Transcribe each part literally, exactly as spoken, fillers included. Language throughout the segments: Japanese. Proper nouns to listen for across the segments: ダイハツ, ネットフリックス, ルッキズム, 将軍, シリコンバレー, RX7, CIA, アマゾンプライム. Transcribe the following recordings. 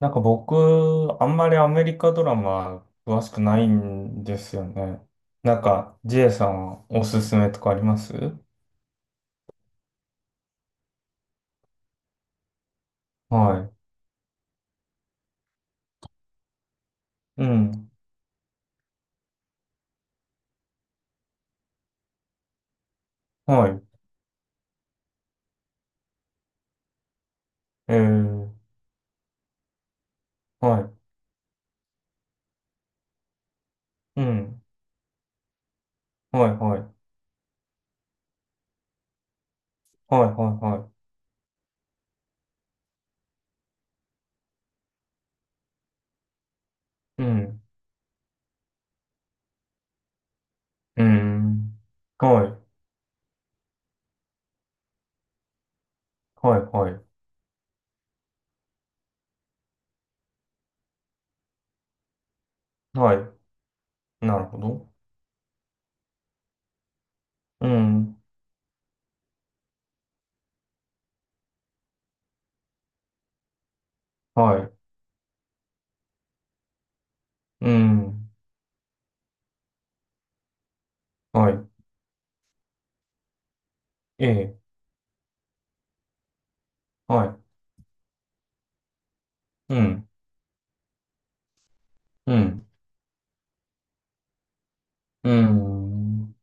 なんか僕、あんまりアメリカドラマ詳しくないんですよね。なんか、ジェイさんはおすすめとかあります？はい。うん。はい。えー、はい。うん。はい、はい。はい、はい、はい。うん。うん。はい。はい、はい。はい。なるほど。うん。はい。うん。はい。ええ。はい。うん。うん。うん。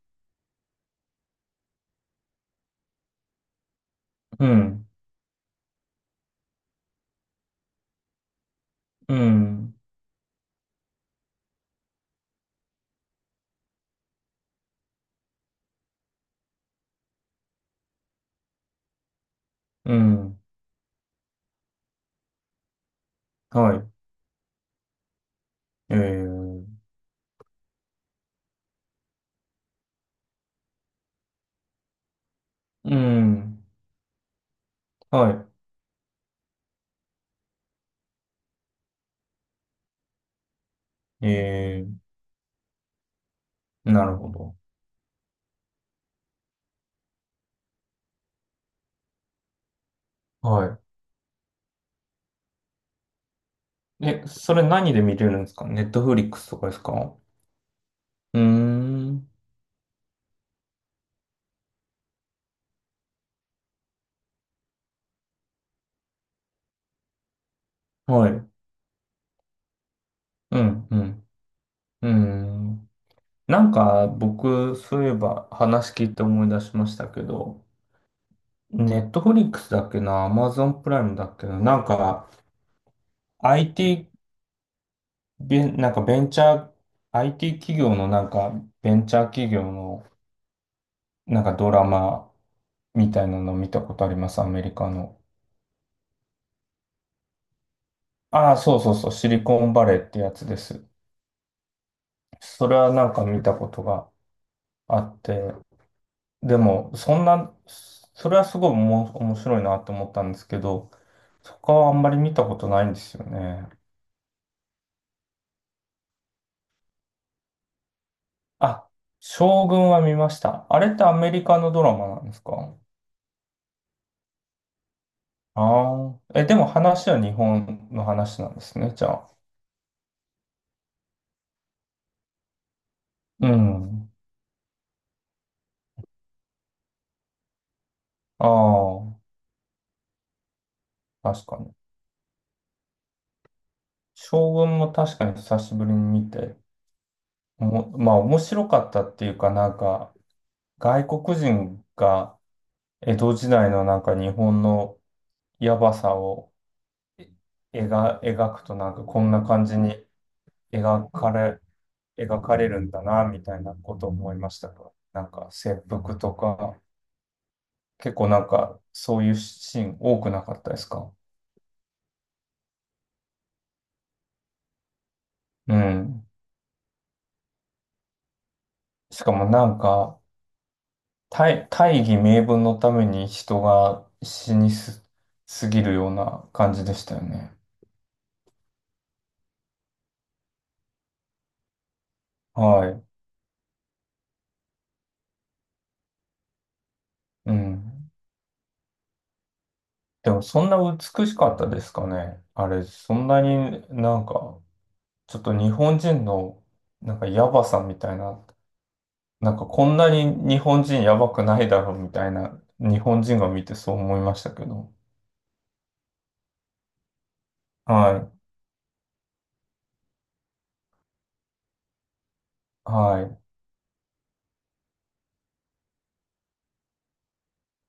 うん。うん。うん。はい。えー、うん。はい。えー、なるほど。はい。え、それ何で見れるんですか？ネットフリックスとかですか？うーん。はい。うん、うん。うーん。なんか、僕、そういえば話聞いて思い出しましたけど、ネットフリックスだっけな、アマゾンプライムだっけな、なんか、アイティー、ベンなんかベンチャー、アイティー 企業のなんか、ベンチャー企業のなんかドラマみたいなの見たことあります、アメリカの。ああ、そうそうそう、シリコンバレーってやつです。それはなんか見たことがあって、でも、そんな、それはすごいおも面白いなと思ったんですけど、他はあんまり見たことないんですよね。あ、将軍は見ました。あれってアメリカのドラマなんですか？ああえ、でも話は日本の話なんですね、じゃあ。うん。ああ、確かに。将軍も確かに久しぶりに見て、も、まあ面白かったっていうかなんか、外国人が江戸時代のなんか日本のやばさを描、描くとなんかこんな感じに描かれ、描かれるんだなみたいなことを思いましたか。なんか切腹とか、結構なんかそういうシーン多くなかったですか？うん。しかもなんか大、大義名分のために人が死にす、すぎるような感じでしたよね。はい。うん。でもそんな美しかったですかね？あれ、そんなになんか、ちょっと日本人のなんかヤバさみたいな、なんかこんなに日本人ヤバくないだろうみたいな、日本人が見てそう思いましたけど。はい、は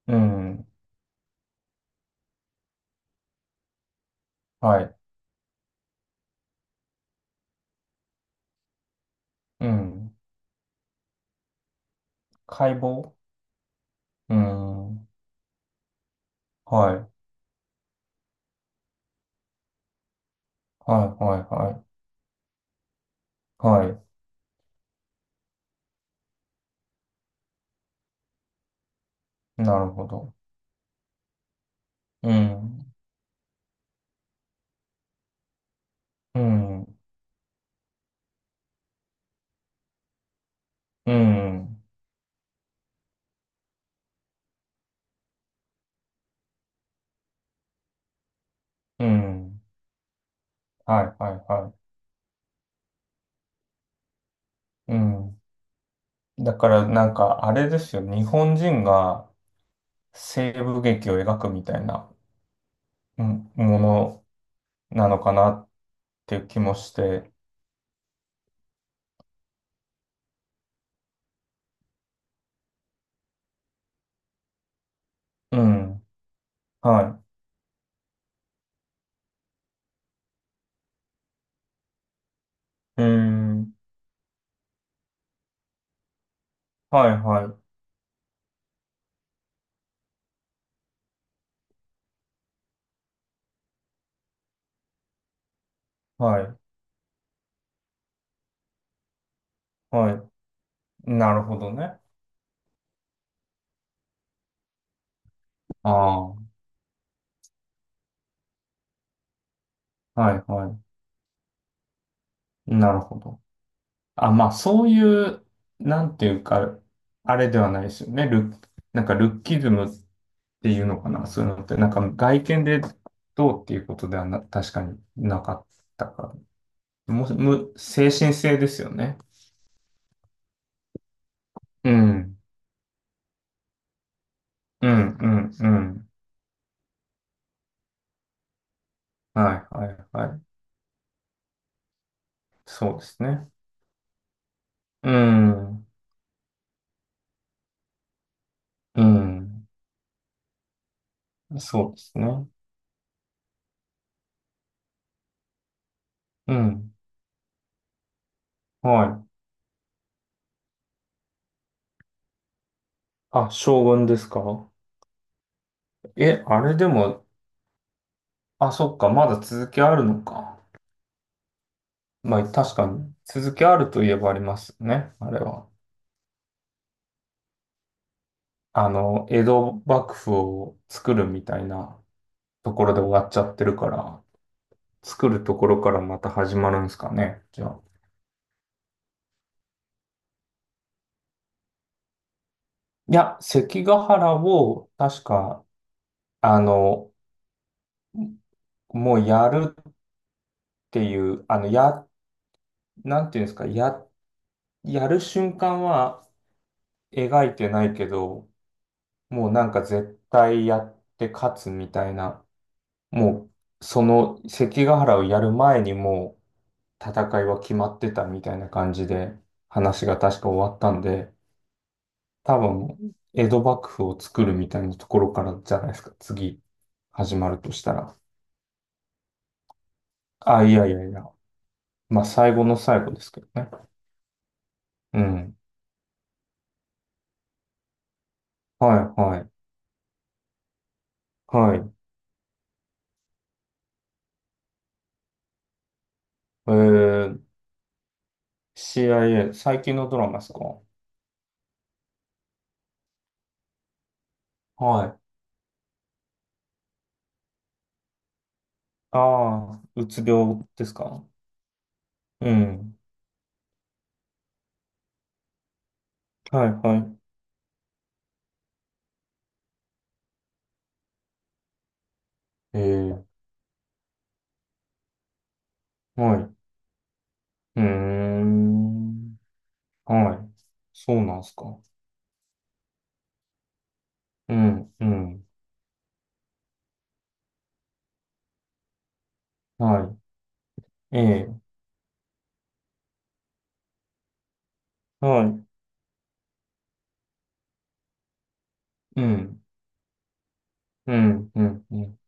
い、うん、はい、うん。解剖、うん、はい、はい、はい、はい、はい、なるほど。うん、うん、うん、うん、はい、はい、はい、うん。だからなんかあれですよ、日本人が西部劇を描くみたいな、うん、ものなのかなっていう気もして、うん、はい、うーん、はいはい、はい、はい、なるほどね。ああ、はいはい、なるほど。あ、まあそういう、なんていうか、あれではないですよね。ルッ、なんかルッキズムっていうのかな、そういうのって、なんか外見でどうっていうことではな、確かになかったから。も、む、精神性ですよね。うん。うん、うん、うん。はい、はい、はい。そうですね。うん、うん。そうですね。うん。はい。あ、将軍ですか？え、あれでも、あ、そっか、まだ続きあるのか。まあ、確かに、続きあるといえばありますよね、あれは。あの、江戸幕府を作るみたいなところで終わっちゃってるから、作るところからまた始まるんですかね、じゃあ。いや、関ヶ原を、確か、あの、もうやるっていう、あの、や、なんていうんですか、や、やる瞬間は描いてないけど、もうなんか絶対やって勝つみたいな、もう、その関ヶ原をやる前にもう戦いは決まってたみたいな感じで、話が確か終わったんで、多分、江戸幕府を作るみたいなところからじゃないですか、次、始まるとしたら。あ、いやいやいや。まあ、最後の最後ですけどね。うん。はい、はい、はい。えー、シーアイエー、最近のドラマですか？はい。ああ、うつ病ですか？うん。はい、はい。えー、はい。うーん。はい。そうなんですか？うん、うん。はい。えー、はい。うん、うん、うん、うん。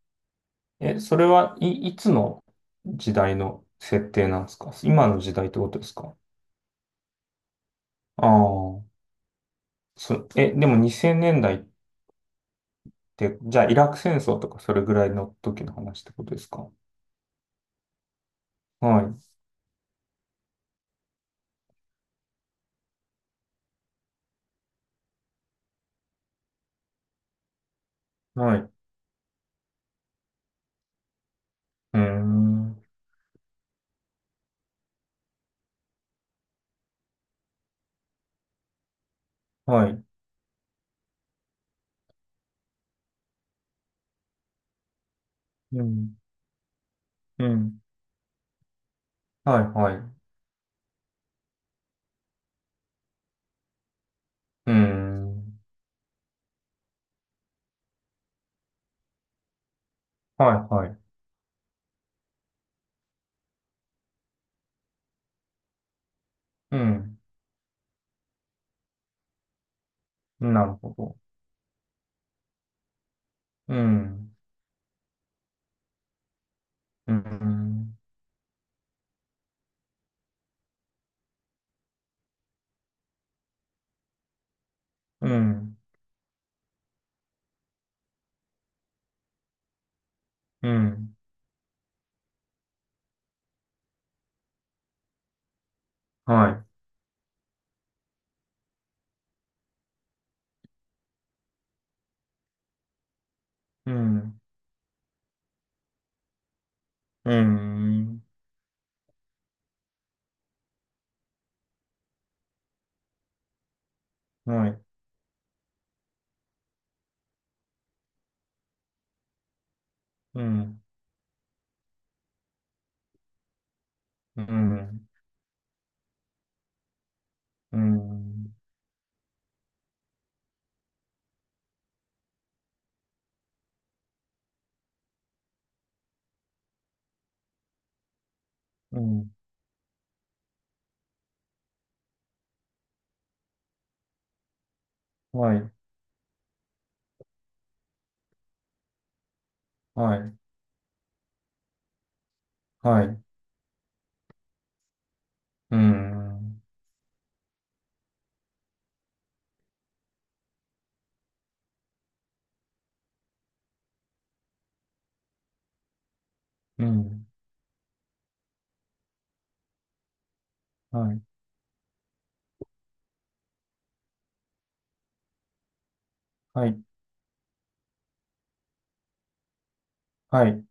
え、それは、い、いつの時代の設定なんですか？今の時代ってことですか？ああー。そ、え、でもにせんねんだいって、じゃあイラク戦争とかそれぐらいの時の話ってことですか？はい、はい、うーん、はい、うん、うん、はい、はい、うーん、はい、はい、うん、なるほど、うん、うん、うん、うん、はい、うん、うん、はい、うん、うん、うん、うん、はい、はい、はい、うん、うん、はい、はい、はい。